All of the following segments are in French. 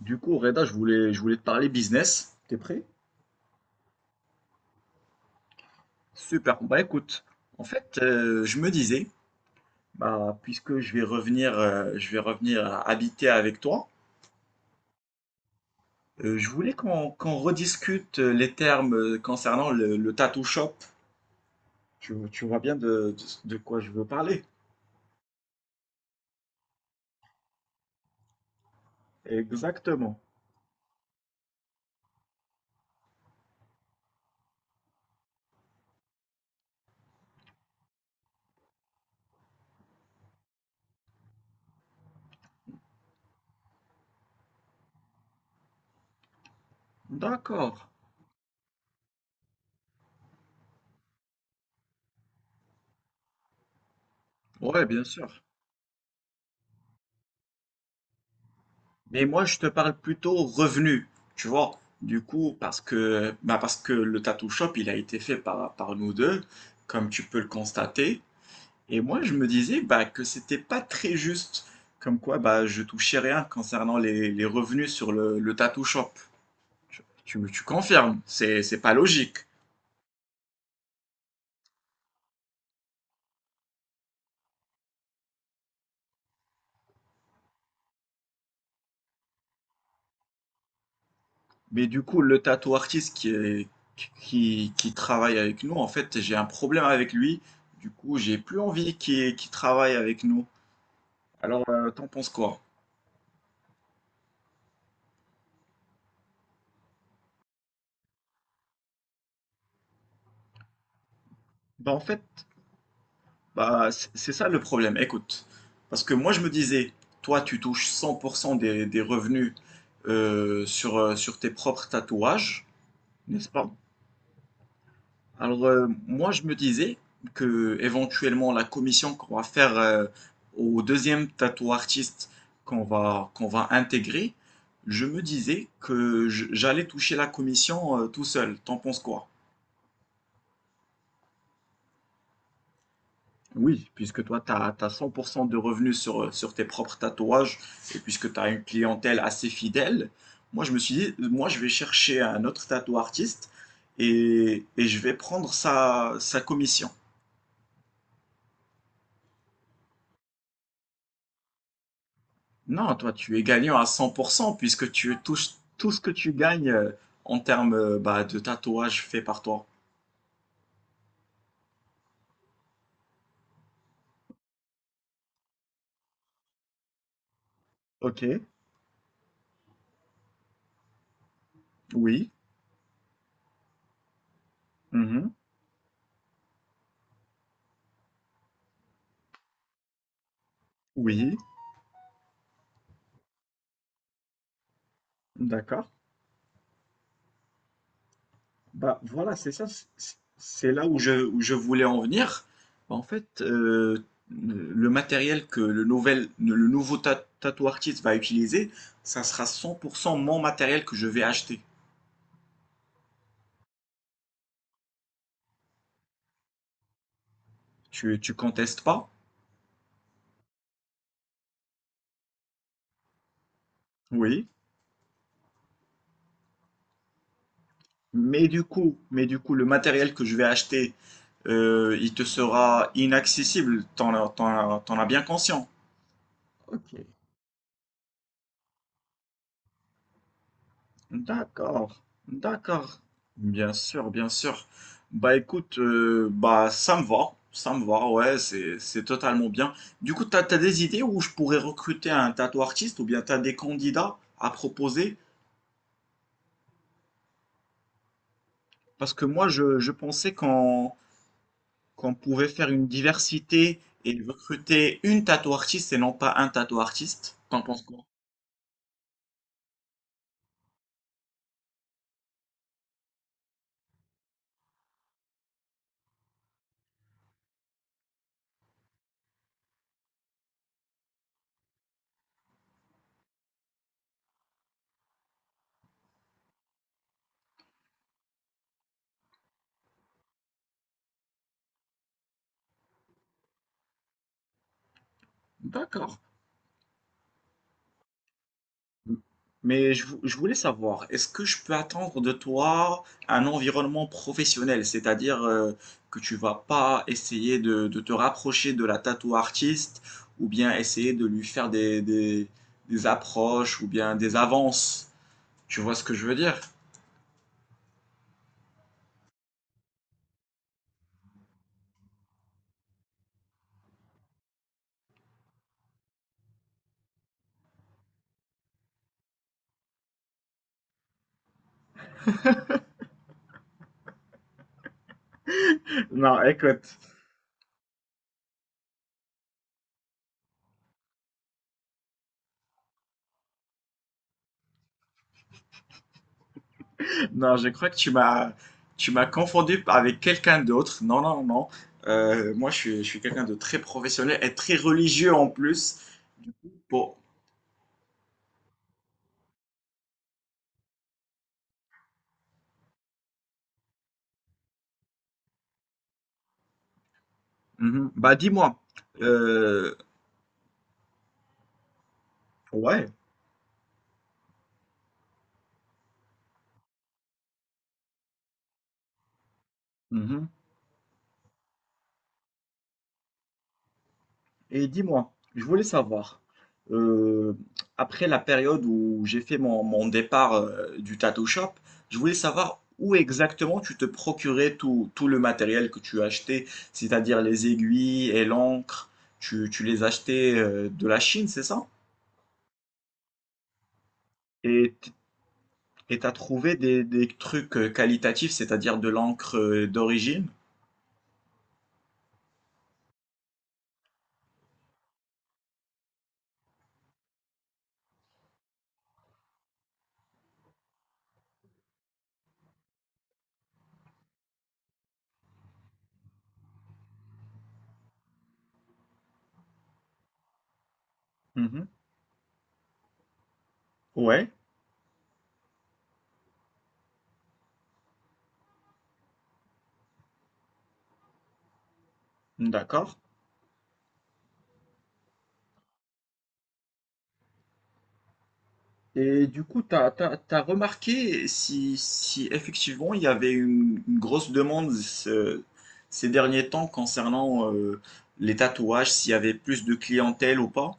Du coup, Reda, je voulais te parler business. T'es prêt? Super. Bah écoute, je me disais, bah, puisque je vais revenir à habiter avec toi, je voulais qu'on rediscute les termes concernant le tattoo shop. Tu vois bien de quoi je veux parler. Exactement. D'accord. Ouais, bien sûr. Mais moi, je te parle plutôt revenu, tu vois. Du coup, parce que, bah parce que le tattoo shop, il a été fait par, par nous deux, comme tu peux le constater. Et moi, je me disais bah, que c'était pas très juste, comme quoi bah, je touchais rien concernant les revenus sur le tattoo shop. Tu confirmes, c'est pas logique. Mais du coup, le tattoo artiste qui est- qui travaille avec nous, en fait, j'ai un problème avec lui. Du coup, j'ai plus envie qu'il travaille avec nous. Alors, t'en penses quoi? Bah, en fait, bah, c'est ça le problème. Écoute, parce que moi, je me disais, toi, tu touches 100% des revenus sur tes propres tatouages, n'est-ce pas? Alors, moi, je me disais que éventuellement la commission qu'on va faire au deuxième tatou artiste qu'on va intégrer, je me disais que j'allais toucher la commission tout seul. T'en penses quoi? Oui, puisque toi, tu as, 100% de revenus sur, sur tes propres tatouages et puisque tu as une clientèle assez fidèle, moi, je me suis dit, moi, je vais chercher un autre tatou artiste et je vais prendre sa, sa commission. Non, toi, tu es gagnant à 100% puisque tu touches tout ce que tu gagnes en termes bah, de tatouages faits par toi. Ok, oui, mhm, oui, d'accord. Bah voilà, c'est ça, c'est là où où je voulais en venir. Bah, En fait, euh, le matériel que tattoo artist va utiliser, ça sera 100% mon matériel que je vais acheter. Tu contestes pas? Oui. Mais du coup, le matériel que je vais acheter, il te sera inaccessible. T'en as bien conscient. Ok. D'accord, d'accord. Bien sûr, bien sûr. Bah écoute, bah ça me va, ouais, c'est totalement bien. Du coup, t'as des idées où je pourrais recruter un tattoo artiste ou bien t'as des candidats à proposer? Parce que moi, je pensais qu'on pouvait faire une diversité et recruter une tattoo artiste et non pas un tattoo artiste. T'en penses quoi? D'accord. Mais je voulais savoir, est-ce que je peux attendre de toi un environnement professionnel, c'est-à-dire que tu vas pas essayer de te rapprocher de la tattoo artiste ou bien essayer de lui faire des approches ou bien des avances. Tu vois ce que je veux dire? Non, écoute, non, je crois que tu m'as confondu avec quelqu'un d'autre. Non, non, non. Moi, je suis quelqu'un de très professionnel et très religieux en plus. Pour, mhm. Bah dis-moi, euh, ouais, mhm. Et dis-moi, je voulais savoir, euh, après la période où j'ai fait mon départ du tattoo shop, je voulais savoir où exactement tu te procurais tout, tout le matériel que tu achetais, c'est-à-dire les aiguilles et l'encre, tu les achetais de la Chine, c'est ça? Et t- et t'as trouvé des trucs qualitatifs, c'est-à-dire de l'encre d'origine? Mhm. Ouais, d'accord. Et du coup, t'as remarqué si, si effectivement il y avait une grosse demande ces derniers temps concernant les tatouages, s'il y avait plus de clientèle ou pas?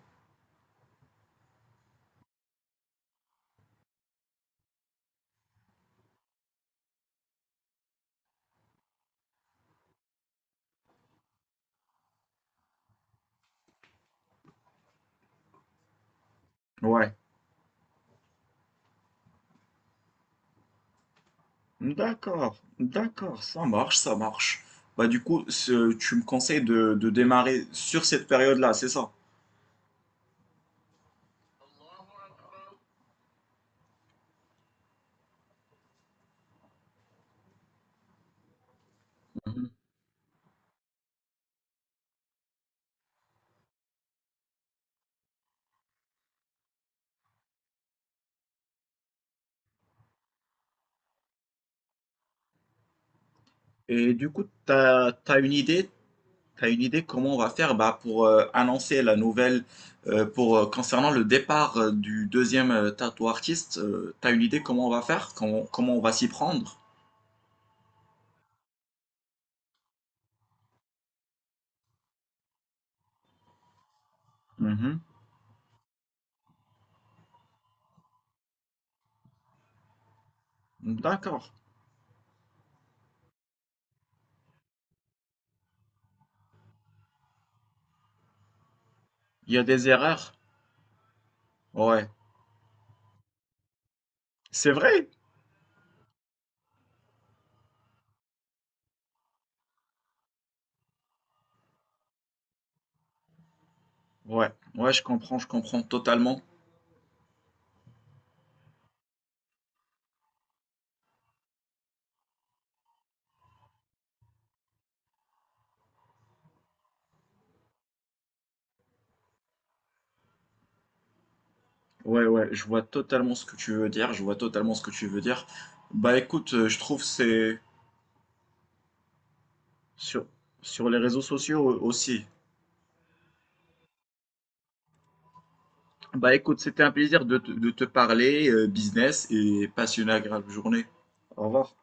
Ouais. D'accord, d'accord, ça marche, ça marche. Bah du coup, tu me conseilles de démarrer sur cette période-là, c'est ça? Mhm. Et du coup, t'as une idée? T'as une idée comment on va faire bah, pour annoncer la nouvelle pour concernant le départ du deuxième tattoo artiste, t'as une idée comment on va faire, comment, comment on va s'y prendre? Mhm. D'accord. Il y a des erreurs. Ouais. C'est vrai? Ouais. Ouais, je comprends totalement. Ouais, ouais, je vois totalement ce que tu veux dire, je vois totalement ce que tu veux dire. Bah écoute, je trouve c'est sur sur les réseaux sociaux aussi. Bah écoute, c'était un plaisir de te parler business et passionné, agréable journée. Au revoir.